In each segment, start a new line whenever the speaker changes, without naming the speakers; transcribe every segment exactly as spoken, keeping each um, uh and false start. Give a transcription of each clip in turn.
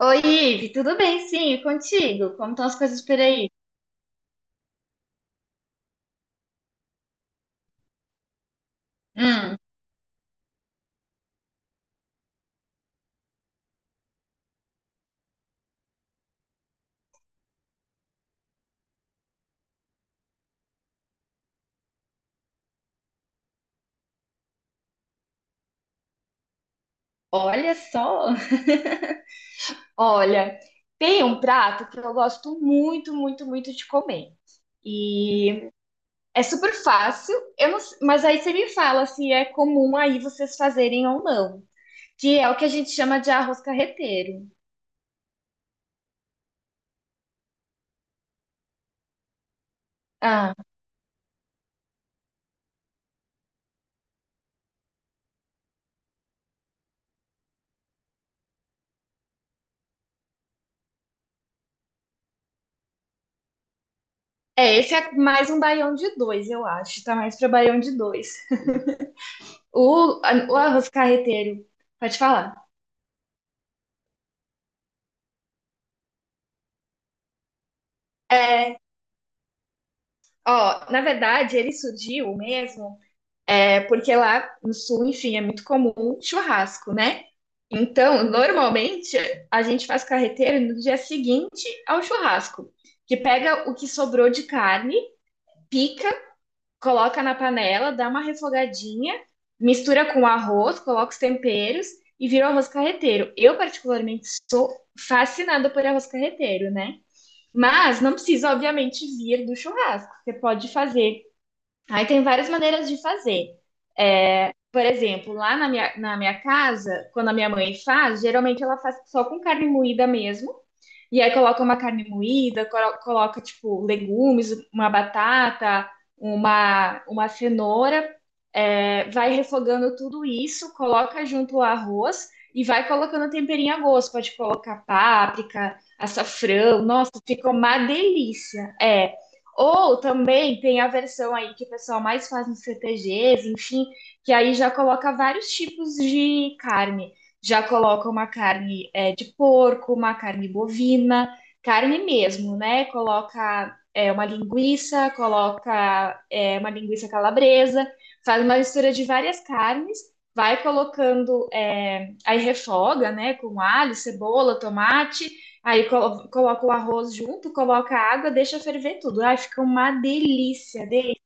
Oi, Ive, tudo bem? Sim, e contigo? Como estão as coisas por aí? Hum, Olha só. Olha, tem um prato que eu gosto muito, muito, muito de comer. E é super fácil, eu não s- mas aí você me fala se é comum aí vocês fazerem ou não, que é o que a gente chama de arroz carreteiro. Ah, é, esse é mais um baião de dois, eu acho, tá mais para baião de dois. O, a- o arroz carreteiro, pode falar. É, Ó, na verdade, ele surgiu mesmo, é porque lá no sul, enfim, é muito comum churrasco, né? Então, normalmente, a gente faz carreteiro no dia seguinte ao churrasco, que pega o que sobrou de carne, pica, coloca na panela, dá uma refogadinha, mistura com arroz, coloca os temperos e vira o arroz carreteiro. Eu, particularmente, sou fascinada por arroz carreteiro, né? Mas não precisa, obviamente, vir do churrasco. Você pode fazer. Aí tem várias maneiras de fazer. Por exemplo, lá na minha, na minha casa, quando a minha mãe faz, geralmente ela faz só com carne moída mesmo. E aí coloca uma carne moída, colo- coloca, tipo, legumes, uma batata, uma, uma cenoura, é, vai refogando tudo isso, coloca junto o arroz e vai colocando um temperinho a gosto. Pode colocar páprica, açafrão, nossa, ficou uma delícia. É. Ou também tem a versão aí que o pessoal mais faz nos C T Gs, enfim, que aí já coloca vários tipos de carne. Já coloca uma carne, é, de porco, uma carne bovina, carne mesmo, né? Coloca, é, uma linguiça, coloca, é, uma linguiça calabresa, faz uma mistura de várias carnes, vai colocando, é, aí refoga, né? Com alho, cebola, tomate, aí colo- coloca o arroz junto, coloca a água, deixa ferver tudo. Ai, fica uma delícia, delícia.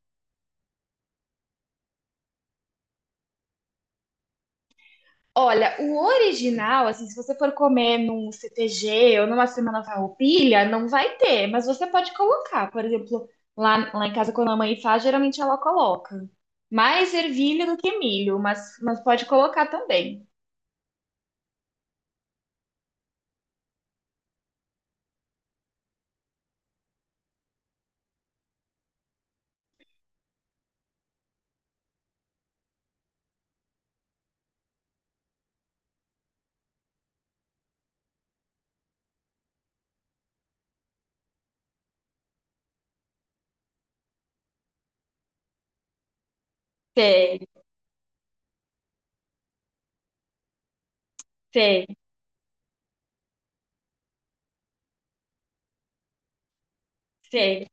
Olha, o original, assim, se você for comer num C T G ou numa semana farroupilha, não vai ter, mas você pode colocar. Por exemplo, lá, lá em casa, quando a mãe faz, geralmente ela coloca. Mais ervilha do que milho, mas, mas pode colocar também. Sei, sei, sei.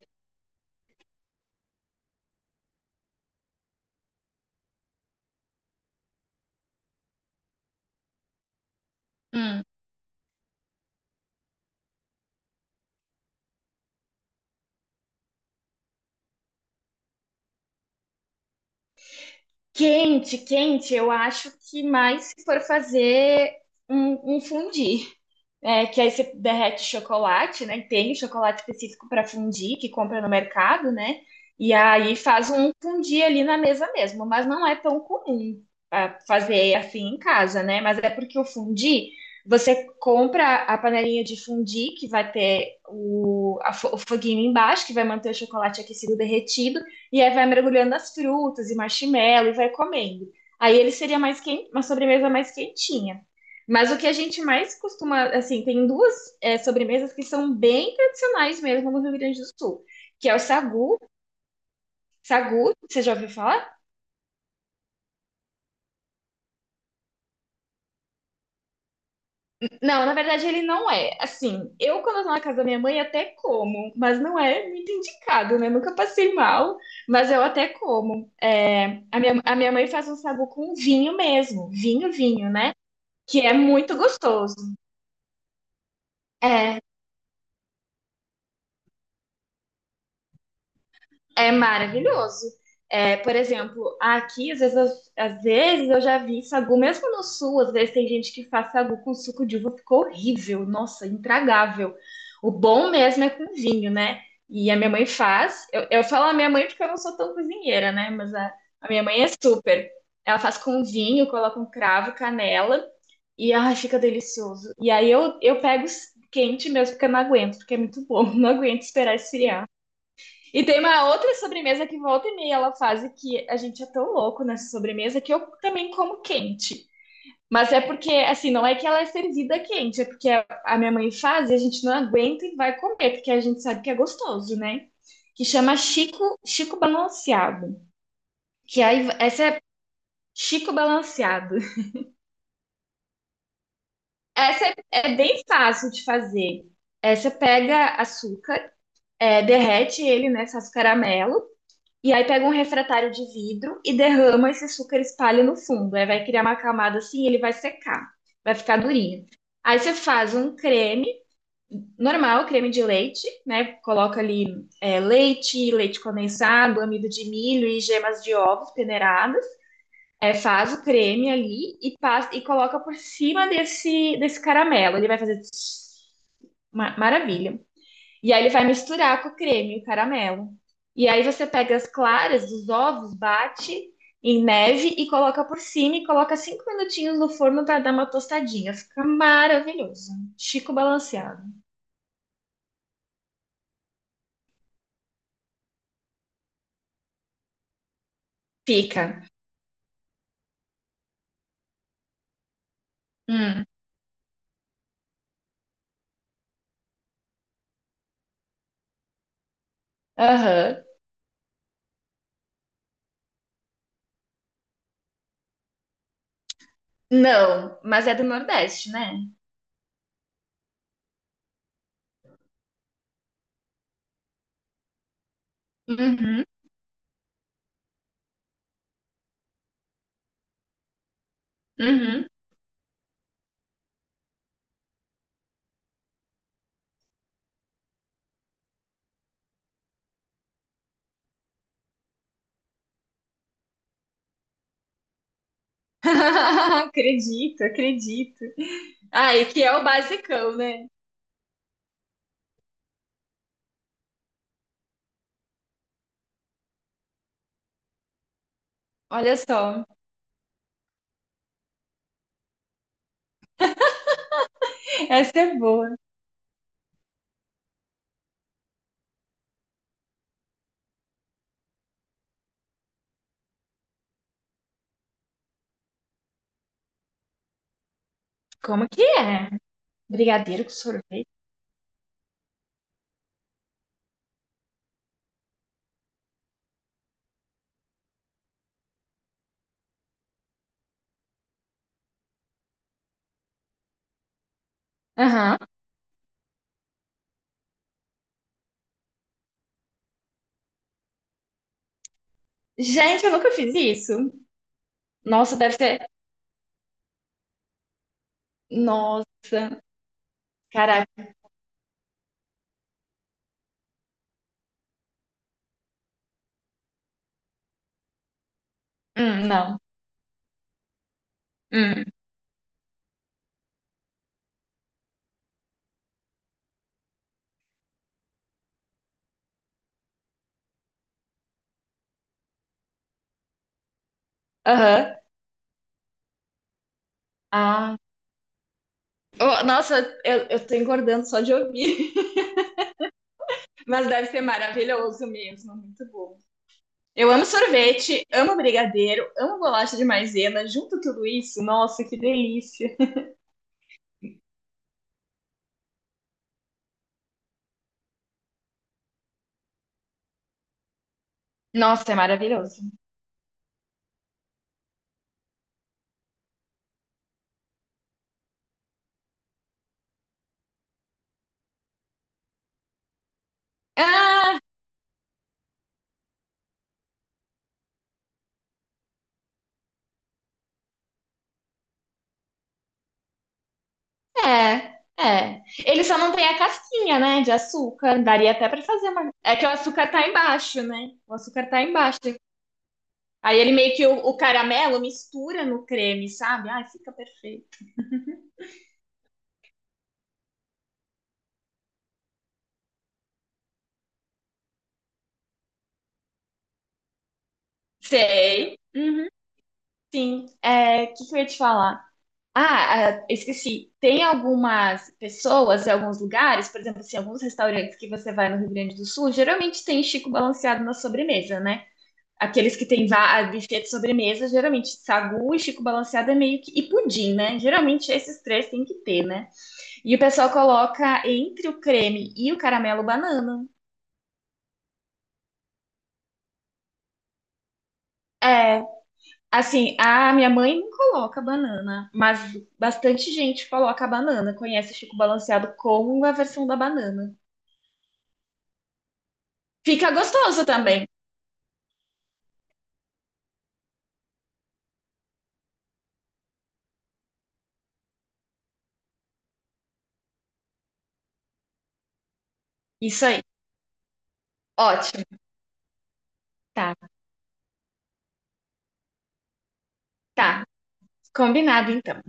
Hum. Quente, quente, eu acho que mais se for fazer um, um fundi. É, que aí você derrete chocolate, né? Tem chocolate específico para fundir, que compra no mercado, né? E aí faz um fundir ali na mesa mesmo, mas não é tão comum ah, fazer assim em casa, né? Mas é porque o fundir, você compra a panelinha de fundir, que vai ter o, a fo- o foguinho embaixo, que vai manter o chocolate aquecido derretido, e aí vai mergulhando as frutas e marshmallow e vai comendo. Aí ele seria mais quente, uma sobremesa mais quentinha. Mas o que a gente mais costuma, assim, tem duas é, sobremesas que são bem tradicionais mesmo no Rio Grande do Sul, que é o sagu. Sagu, você já ouviu falar? Não, na verdade ele não é. Assim, eu quando eu tô na casa da minha mãe até como, mas não é muito indicado, né? Nunca passei mal, mas eu até como. É, a minha, a minha mãe faz um sagu com vinho mesmo, vinho, vinho, né? Que é muito gostoso. É, é maravilhoso. É, por exemplo, aqui, às vezes, eu, às vezes eu já vi sagu, mesmo no sul, às vezes tem gente que faz sagu com suco de uva, ficou horrível, nossa, intragável. O bom mesmo é com vinho, né? E a minha mãe faz. Eu, eu falo a minha mãe porque eu não sou tão cozinheira, né? Mas a, a minha mãe é super. Ela faz com vinho, coloca um cravo, canela, e ai, fica delicioso. E aí eu, eu pego quente mesmo, porque eu não aguento, porque é muito bom, não aguento esperar esfriar. E tem uma outra sobremesa que volta e meia ela faz e que a gente é tão louco nessa sobremesa que eu também como quente. Mas é porque, assim, não é que ela é servida quente, é porque a a minha mãe faz e a gente não aguenta e vai comer, porque a gente sabe que é gostoso, né? Que chama Chico, Chico Balanceado. Que aí, essa é Chico Balanceado. Essa é, é bem fácil de fazer. É, você pega açúcar, é, derrete ele, né? Faz caramelo. E aí pega um refratário de vidro e derrama esse açúcar, espalha no fundo. Aí vai criar uma camada assim, ele vai secar, vai ficar durinho. Aí você faz um creme normal, creme de leite, né? Coloca ali, é, leite, leite condensado, amido de milho e gemas de ovos peneiradas. É, faz o creme ali e passa e coloca por cima desse desse caramelo. Ele vai fazer tss, ma- maravilha. E aí ele vai misturar com o creme, o caramelo. E aí você pega as claras dos ovos, bate em neve e coloca por cima e coloca cinco minutinhos no forno para dar uma tostadinha. Fica maravilhoso. Chico balanceado. Fica. Hum. Aham. Não, mas é do Nordeste, né? Uhum. Uhum. Acredito, acredito. Ai, que é o basicão, né? Olha só. Essa é boa. Como que é? Brigadeiro com sorvete? Aham. Gente, eu nunca fiz isso. Nossa, deve ser. Nossa, caraca. Hum, não. Hum, aham. Ah. Oh, nossa, eu, eu tô engordando só de ouvir. Mas deve ser maravilhoso mesmo. Muito bom. Eu amo sorvete, amo brigadeiro, amo bolacha de maisena, junto tudo isso. Nossa, que delícia. Nossa, é maravilhoso. Ah, é. É. Ele só não tem a casquinha, né, de açúcar. Daria até pra fazer uma. É que o açúcar tá embaixo, né? O açúcar tá embaixo. Aí ele meio que o, o caramelo mistura no creme, sabe? Ai, fica perfeito. Sei. Uhum, sim. É, o que que eu ia te falar? Ah, ah, esqueci. Tem algumas pessoas, em alguns lugares, por exemplo, assim, alguns restaurantes que você vai no Rio Grande do Sul, geralmente tem Chico balanceado na sobremesa, né? Aqueles que tem va- buffet de sobremesa, geralmente sagu e Chico balanceado é meio que... E pudim, né? Geralmente esses três tem que ter, né? E o pessoal coloca entre o creme e o caramelo banana. É, Assim, a minha mãe não coloca banana, mas bastante gente coloca a banana, conhece Chico Balanceado como a versão da banana. Fica gostoso também. Isso aí. Ótimo. Tá, tá. Combinado então.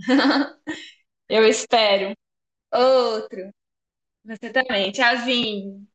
Eu espero. Outro. Você também. Tchauzinho.